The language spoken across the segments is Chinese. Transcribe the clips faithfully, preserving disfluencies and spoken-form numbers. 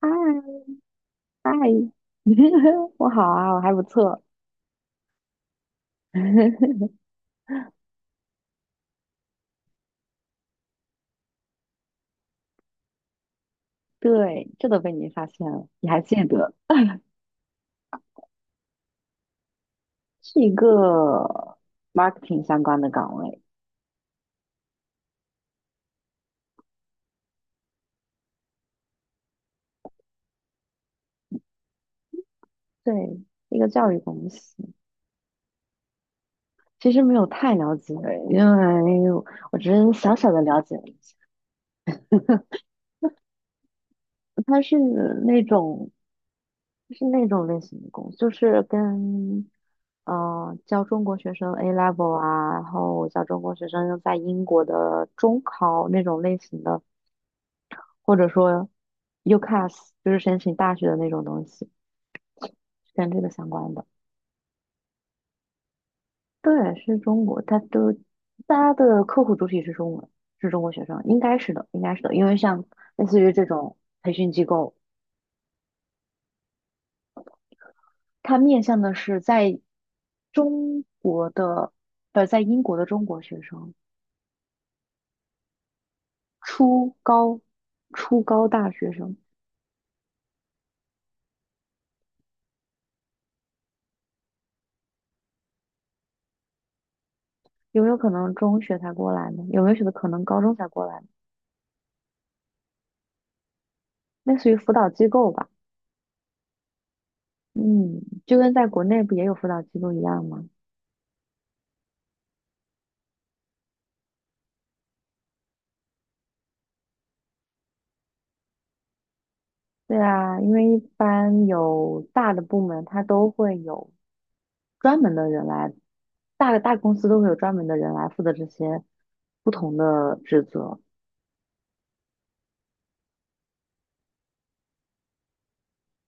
嗨嗨，我好啊，我还不错。对，这都被你发现了，你还记得，是一个 marketing 相关的岗位。对，一个教育公司。其实没有太了解，因为我只是小小的了解了一下。它是那种，是那种类型的公司，就是跟呃教中国学生 A level 啊，然后教中国学生在英国的中考那种类型的。或者说 U C A S，就是申请大学的那种东西，是跟这个相关的。对，是中国，它都大家的客户主体是中文，是中国学生，应该是的，应该是的，因为像类似于这种培训机构，它面向的是在中国的，呃，在英国的中国学生，初高初高大学生。有没有可能中学才过来呢？有没有可能高中才过来呢？类似于辅导机构吧。嗯，就跟在国内不也有辅导机构一样吗？对啊，因为一般有大的部门，它都会有专门的人来，大的大公司都会有专门的人来负责这些不同的职责。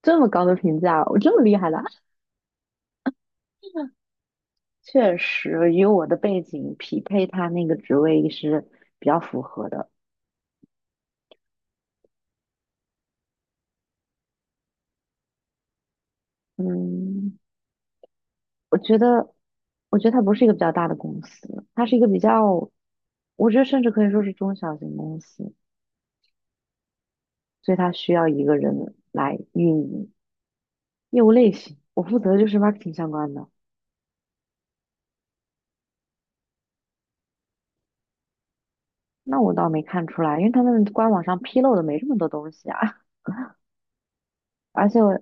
这么高的评价，我这么厉害的啊，确实与我的背景匹配，他那个职位是比较符合的。嗯，我觉得，我觉得它不是一个比较大的公司，它是一个比较，我觉得甚至可以说是中小型公司。所以它需要一个人来运营业务类型。我负责的就是 marketing 相关的。那我倒没看出来，因为他们官网上披露的没这么多东西啊。而且我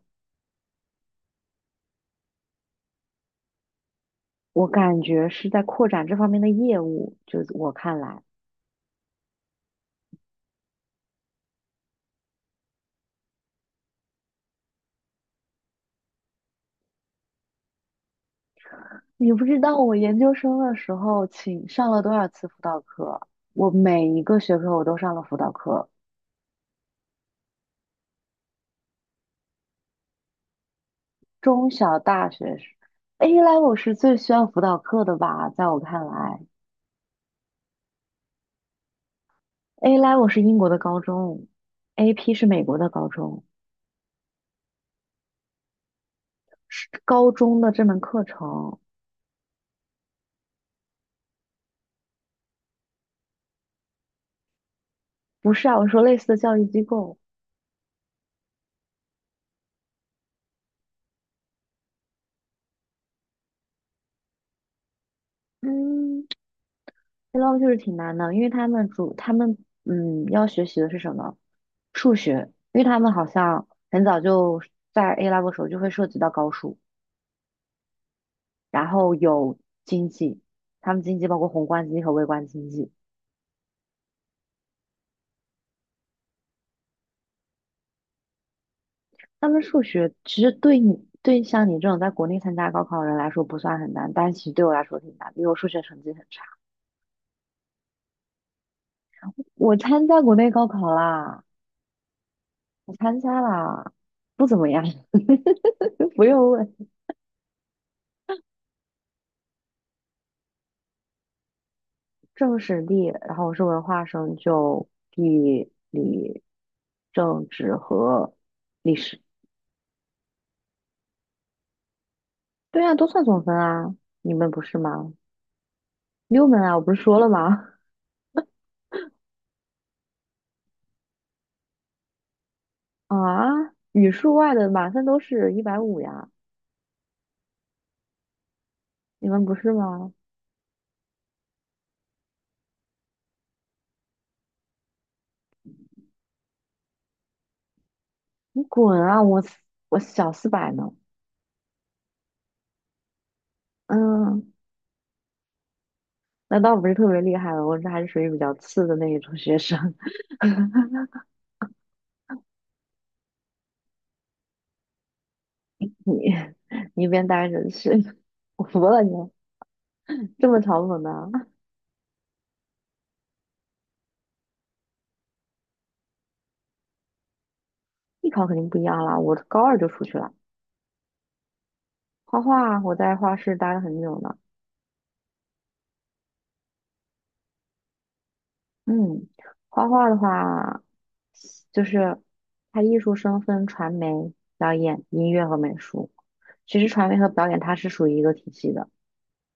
我感觉是在扩展这方面的业务，就是我看来，你不知道我研究生的时候请上了多少次辅导课，我每一个学科我都上了辅导课，中小大学是 A level 是最需要辅导课的吧，在我看来，A level 是英国的高中，A P 是美国的高中。是高中的这门课程。不是啊，我说类似的教育机构。嗯 a l e v e l o 就是挺难的，因为他们主他们嗯要学习的是什么？数学，因为他们好像很早就在 A level 时候就会涉及到高数，然后有经济，他们经济包括宏观经济和微观经济。他们数学其实对你对像你这种在国内参加高考的人来说不算很难，但其实对我来说挺难，因为我数学成绩很差。我参加国内高考啦。我参加了，不怎么样，不用问。政史地，然后我是文化生，就地理、政治和历史。对啊，都算总分啊，你们不是吗？六门啊，我不是说了吗？啊，语数外的满分都是一百五呀，你们不是吗？你滚啊！我四我小四百呢。嗯，那倒不是特别厉害了，我这还是属于比较次的那一种学生。你 你一边待着去，我服了你，这么嘲讽的。艺考肯定不一样啦，我高二就出去了。画画我在画室待了很久呢。嗯，画画的话，就是它艺术生分传媒、表演、音乐和美术。其实传媒和表演它是属于一个体系的，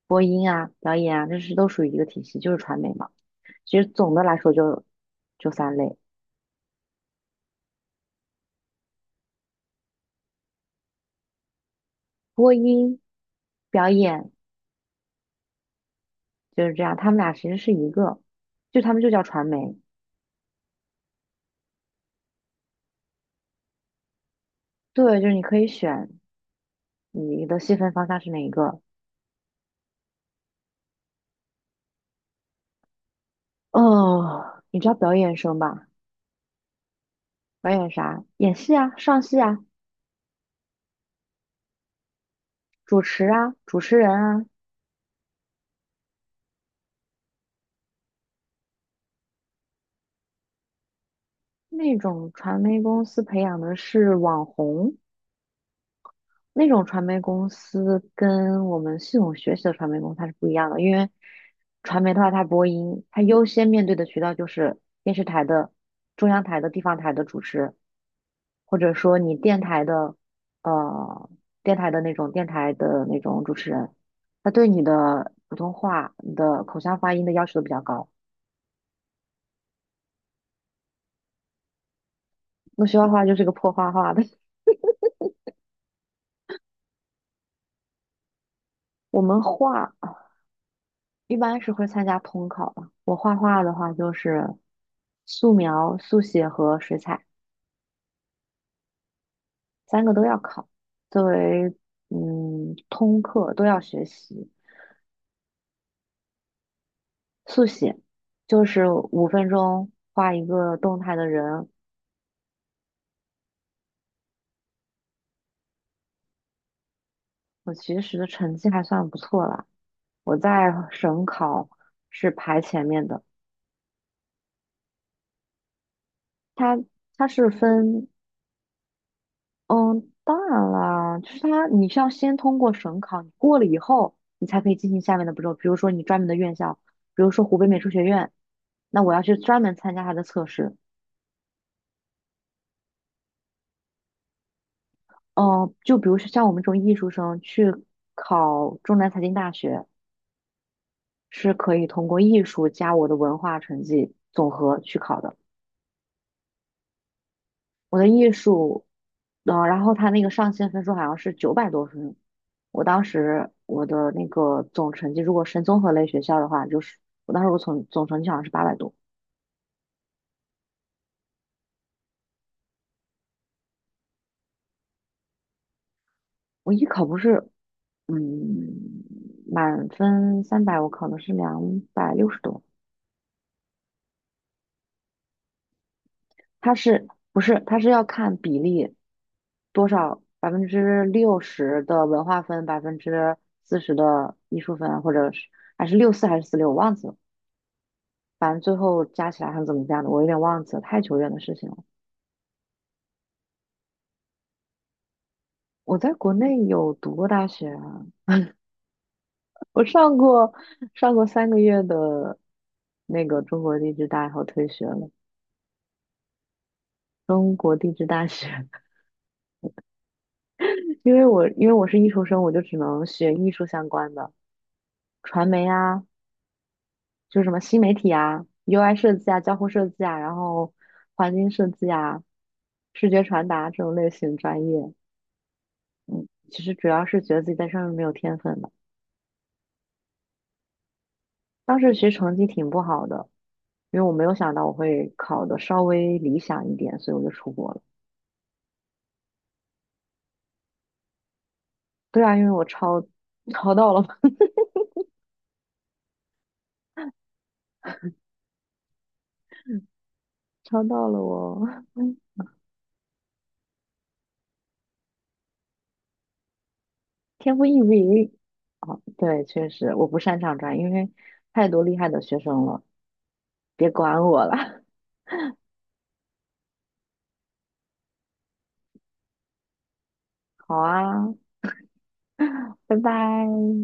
播音啊、表演啊，这是都属于一个体系，就是传媒嘛。其实总的来说就就三类：播音、表演。就是这样，他们俩其实是一个，就他们就叫传媒。对，就是你可以选你的细分方向是哪一个。哦，你知道表演生吧？表演啥？演戏啊，上戏啊，主持啊，主持人啊。那种传媒公司培养的是网红，那种传媒公司跟我们系统学习的传媒公司它是不一样的，因为传媒的话，它播音，它优先面对的渠道就是电视台的、中央台的、地方台的主持。或者说你电台的，呃，电台的那种电台的那种主持人，他对你的普通话、你的口腔发音的要求都比较高。那学画画就是个破画画的，我们画一般是会参加统考的。我画画的话就是素描、速写和水彩，三个都要考，作为嗯通课都要学习。速写就是五分钟画一个动态的人。我其实的成绩还算不错啦，我在省考是排前面的。它它是分，嗯，当然啦，就是它你是要先通过省考，你过了以后，你才可以进行下面的步骤。比如说你专门的院校，比如说湖北美术学院，那我要去专门参加它的测试。嗯，就比如说像我们这种艺术生去考中南财经大学，是可以通过艺术加我的文化成绩总和去考的。我的艺术，嗯、然后他那个上线分数好像是九百多分。我当时我的那个总成绩，如果申综合类学校的话，就是我当时我总总成绩好像是八百多。我艺考不是，嗯，满分三百，我考的是两百六十多。它是不是它是要看比例多少？百分之六十的文化分，百分之四十的艺术分，或者是还是六四还是四六，我忘记了。反正最后加起来还是怎么加的，我有点忘记了，太久远的事情了。我在国内有读过大学啊，我上过上过三个月的那个中国地质大，然后退学了。中国地质大学。因为我因为我是艺术生，我就只能学艺术相关的，传媒啊，就是什么新媒体啊、U I 设计啊、交互设计啊，然后环境设计啊、视觉传达这种类型专业。其实主要是觉得自己在上面没有天分的。当时其实成绩挺不好的，因为我没有想到我会考的稍微理想一点，所以我就出国了。对啊，因为我抄抄到了，抄到了我嗯 天赋异禀。哦，对，确实我不擅长转，因为太多厉害的学生了，别管我了。好啊，拜拜。